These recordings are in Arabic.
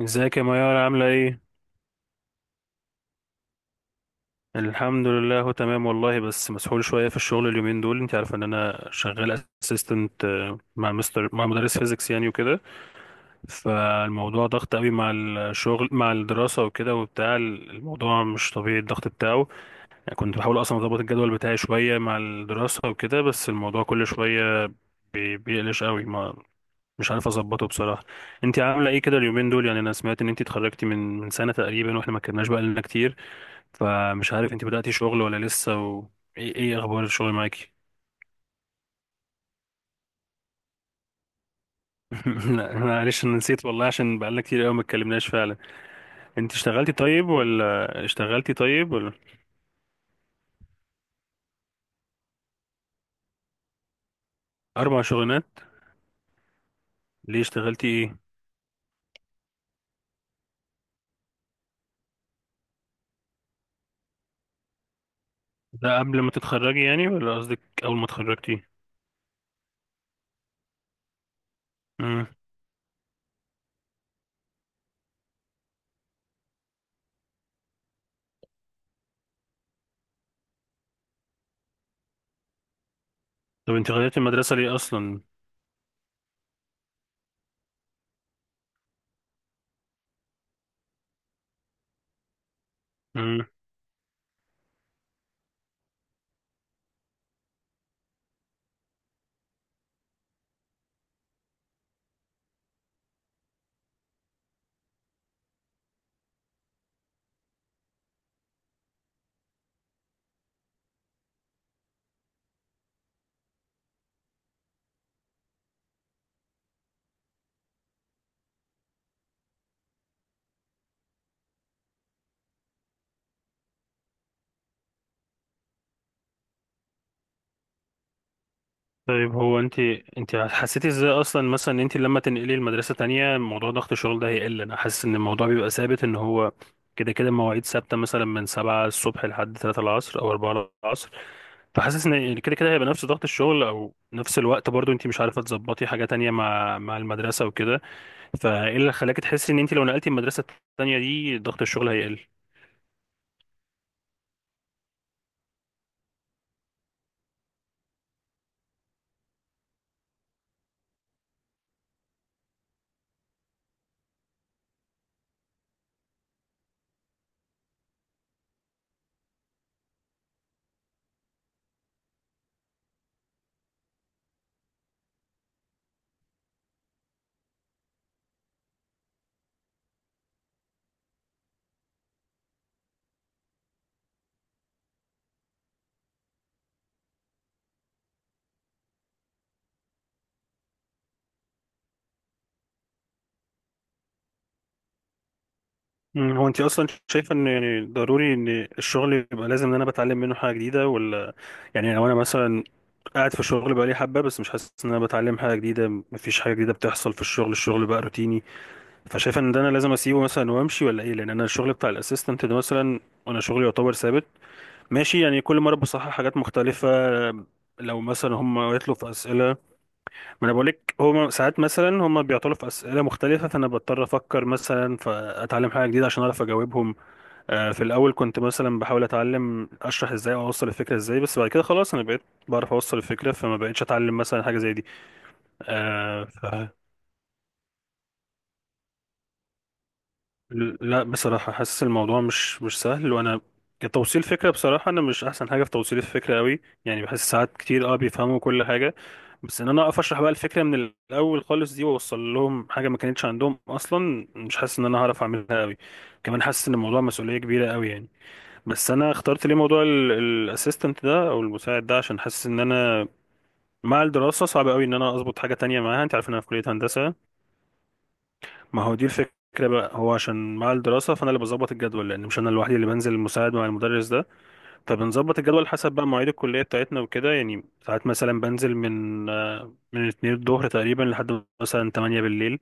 ازيك يا ميار، عاملة ايه؟ الحمد لله، هو تمام والله، بس مسحول شوية في الشغل اليومين دول. انت عارفة ان انا شغال اسيستنت مع مدرس فيزيكس يعني وكده. فالموضوع ضغط قوي، مع الشغل مع الدراسة وكده، وبتاع الموضوع مش طبيعي الضغط بتاعه. يعني كنت بحاول اصلا اظبط الجدول بتاعي شوية مع الدراسة وكده، بس الموضوع كل شوية بيقلش قوي ما. مش عارف اظبطه بصراحة. انت عاملة ايه كده اليومين دول؟ يعني انا سمعت ان انت اتخرجتي من سنة تقريبا، واحنا ما اتكلمناش بقى لنا كتير. فمش عارف انت بدأتي شغل ولا لسه، وايه ايه اخبار الشغل معاكي؟ لا معلش، انا نسيت والله، عشان بقالنا كتير قوي ما اتكلمناش فعلا. انت اشتغلتي طيب ولا اشتغلتي طيب ولا؟ اربع شغلانات؟ ليه؟ اشتغلتي ايه؟ ده قبل ما تتخرجي يعني، ولا قصدك اول ما اتخرجتي؟ امم. طب انت غيرتي المدرسة ليه اصلا؟ طيب، هو انت انت حسيتي ازاي اصلا مثلا ان انت لما تنقلي المدرسه تانية موضوع ضغط الشغل ده هيقل؟ انا حاسس ان الموضوع بيبقى ثابت، ان هو كده كده مواعيد ثابته، مثلا من 7 الصبح لحد 3 العصر او 4 العصر. فحاسس ان كده كده هيبقى نفس ضغط الشغل، او نفس الوقت برضو انت مش عارفه تظبطي حاجه تانية مع المدرسه وكده. فايه اللي خلاكي تحسي ان انت لو نقلتي المدرسه التانية دي ضغط الشغل هيقل؟ هو انت اصلا شايفه ان يعني ضروري ان الشغل يبقى لازم ان انا بتعلم منه حاجه جديده ولا؟ يعني لو انا مثلا قاعد في الشغل بقالي حبه بس مش حاسس ان انا بتعلم حاجه جديده، مفيش حاجه جديده بتحصل في الشغل. الشغل بقى روتيني. فشايف ان ده انا لازم اسيبه مثلا وامشي ولا ايه؟ لان انا الشغل بتاع الاسيستنت ده مثلا، انا شغلي يعتبر ثابت، ماشي، يعني كل مره بصحح حاجات مختلفه. لو مثلا هم يطلبوا في اسئله، ما انا بقول لك، هم ساعات مثلا هم بيعطلوا في اسئله مختلفه، فانا بضطر افكر مثلا، فاتعلم حاجه جديده عشان اعرف اجاوبهم. في الاول كنت مثلا بحاول اتعلم اشرح ازاي او اوصل الفكره ازاي، بس بعد كده خلاص انا بقيت بعرف اوصل الفكره، فما بقتش اتعلم مثلا حاجه زي دي. آه، ف... لا بصراحه حاسس الموضوع مش سهل، وانا كتوصيل فكره، بصراحه انا مش احسن حاجه في توصيل الفكره قوي، يعني بحس ساعات كتير، بيفهموا كل حاجه، بس ان انا اقف اشرح بقى الفكره من الاول خالص دي، واوصل لهم حاجه ما كانتش عندهم اصلا، مش حاسس ان انا هعرف اعملها قوي. كمان حاسس ان الموضوع مسؤوليه كبيره قوي يعني. بس انا اخترت ليه موضوع الاسيستنت ده او المساعد ده، عشان حاسس ان انا مع الدراسه صعب قوي ان انا اظبط حاجه تانية معاها. انت عارف ان انا في كليه هندسه. ما هو دي الفكره بقى. هو عشان مع الدراسه، فانا اللي بظبط الجدول، لان مش انا لوحدي اللي بنزل المساعد مع المدرس ده. فبنظبط الجدول حسب بقى مواعيد الكليه بتاعتنا وكده. يعني ساعات مثلا بنزل من من 2 الظهر تقريبا لحد مثلا 8 بالليل.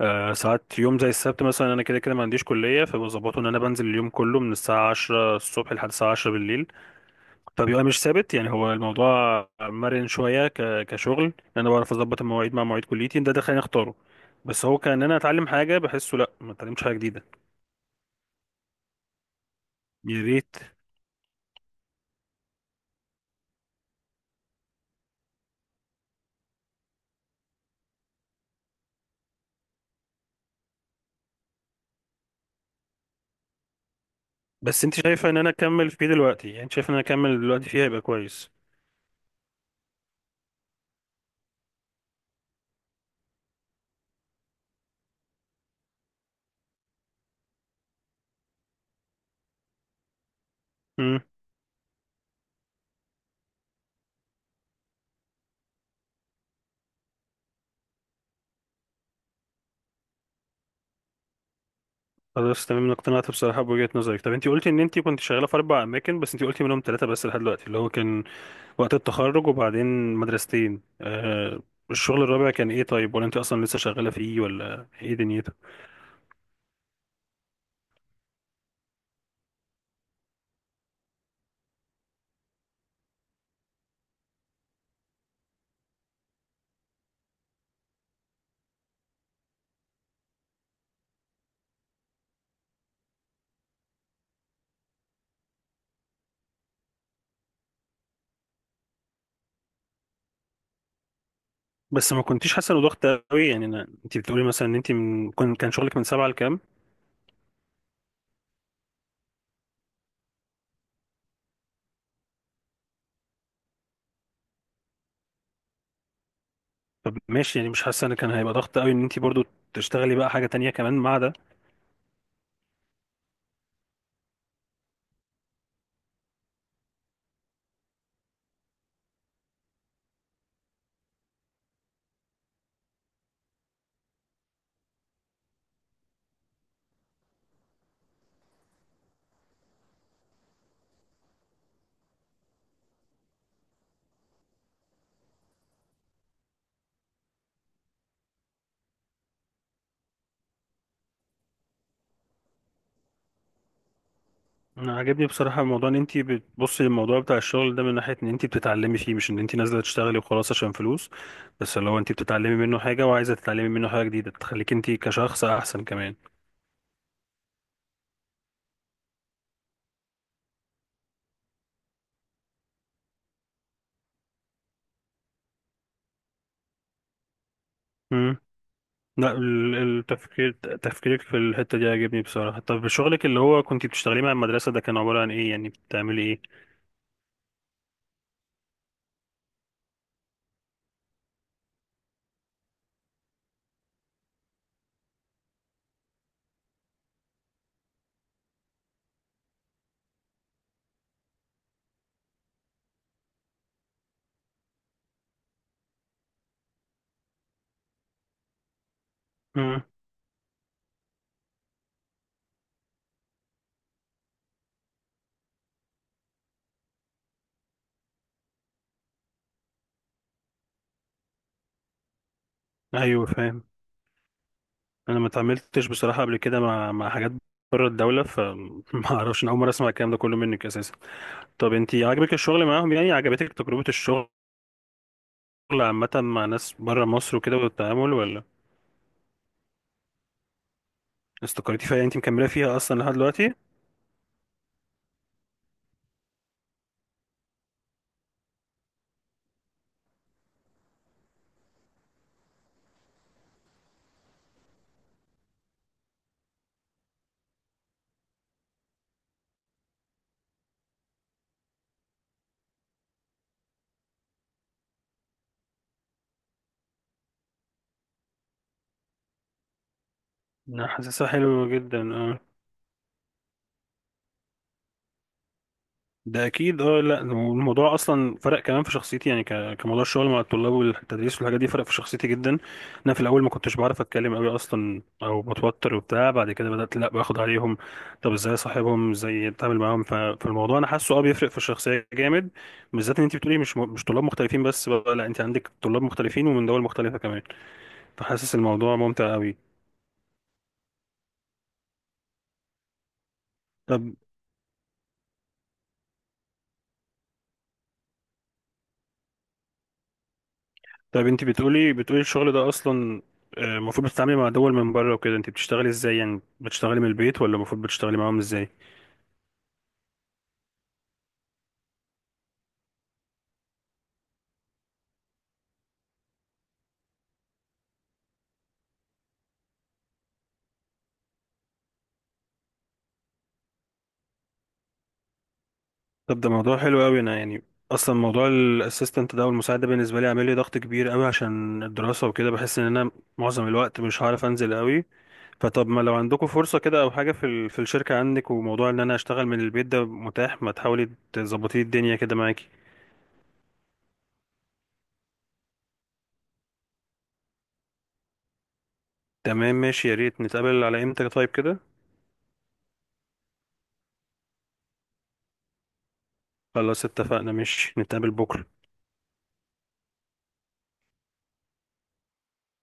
ساعات يوم زي السبت مثلا انا كده كده ما عنديش كليه، فبظبطه ان انا بنزل اليوم كله من الساعه 10 الصبح لحد الساعه 10 بالليل. طب يبقى مش ثابت يعني، هو الموضوع مرن شويه كشغل، انا بعرف اظبط المواعيد مع مواعيد كليتي، ده خليني اختاره. بس هو كان انا اتعلم حاجه، بحسه لا، ما اتعلمتش حاجه جديده. يا ريت. بس انت شايفه ان انا اكمل فيه دلوقتي، يعني انت شايفه ان انا اكمل دلوقتي فيها يبقى كويس؟ امم. خلاص تمام، أنا اقتنعت بصراحه بوجهه نظرك. طب انت قلتي ان انت كنت شغاله في اربع اماكن، بس انت قلتي منهم ثلاثه بس لحد دلوقتي، اللي هو كان وقت التخرج وبعدين مدرستين، الشغل الرابع كان ايه طيب، ولا انت اصلا لسه شغاله فيه، ولا ايه دنيتك؟ بس ما كنتيش حاسه انه ضغط قوي يعني؟ انت بتقولي مثلا ان انت كان شغلك من سبعة لكام. طب ماشي يعني، مش حاسه ان كان هيبقى ضغط قوي ان انت برضو تشتغلي بقى حاجه تانية كمان مع ده؟ انا عاجبني بصراحه الموضوع، ان انت بتبصي للموضوع بتاع الشغل ده من ناحيه ان انت بتتعلمي فيه، مش ان انت نازله تشتغلي وخلاص عشان فلوس، بس اللي هو انت بتتعلمي منه حاجه وعايزه تتعلمي منه حاجه جديده تخليك انت كشخص احسن كمان. امم. لا، ال- التفكير تفكيرك في الحته دي عاجبني بصراحه. طب شغلك اللي هو كنت بتشتغليه مع المدرسه ده كان عباره عن ايه، يعني بتعملي ايه؟ ايوه فاهم. انا ما اتعاملتش بصراحه قبل كده مع حاجات بره الدوله، فما اعرفش، انا اول مره اسمع الكلام ده كله منك اساسا. طب انت عجبك الشغل معاهم، يعني عجبتك تجربه الشغل عامه مع ناس بره مصر وكده والتعامل ولا؟ استقريتي فيها، انت مكمله فيها اصلا لحد دلوقتي؟ انا حاسسها حلو جدا ده اكيد. اه لا، الموضوع اصلا فرق كمان في شخصيتي يعني، كموضوع الشغل مع الطلاب والتدريس والحاجات دي، فرق في شخصيتي جدا. انا في الاول ما كنتش بعرف اتكلم قوي اصلا، او بتوتر وبتاع، بعد كده بدات لا باخد عليهم، طب ازاي اصاحبهم، ازاي اتعامل معاهم. فالموضوع انا حاسه، اه، بيفرق في الشخصيه جامد. بالذات ان انت بتقولي مش طلاب مختلفين بس بقى، لا، انت عندك طلاب مختلفين ومن دول مختلفه كمان. فحاسس الموضوع ممتع قوي. طب طب انت بتقولي الشغل ده اصلا، المفروض بتتعاملي مع دول من بره وكده، انت بتشتغلي ازاي يعني؟ بتشتغلي من البيت ولا المفروض بتشتغلي معاهم ازاي؟ طب ده موضوع حلو قوي. انا يعني اصلا موضوع الاسيستنت ده والمساعد ده بالنسبه لي عامل لي ضغط كبير قوي عشان الدراسه وكده، بحس ان انا معظم الوقت مش هعرف انزل قوي. فطب ما لو عندكم فرصه كده او حاجه في في الشركه عندك، وموضوع ان انا اشتغل من البيت ده متاح، ما تحاولي تظبطي الدنيا كده معاكي؟ تمام ماشي، يا ريت. نتقابل على امتى طيب كده؟ خلاص اتفقنا، ماشي، نتقابل بكره.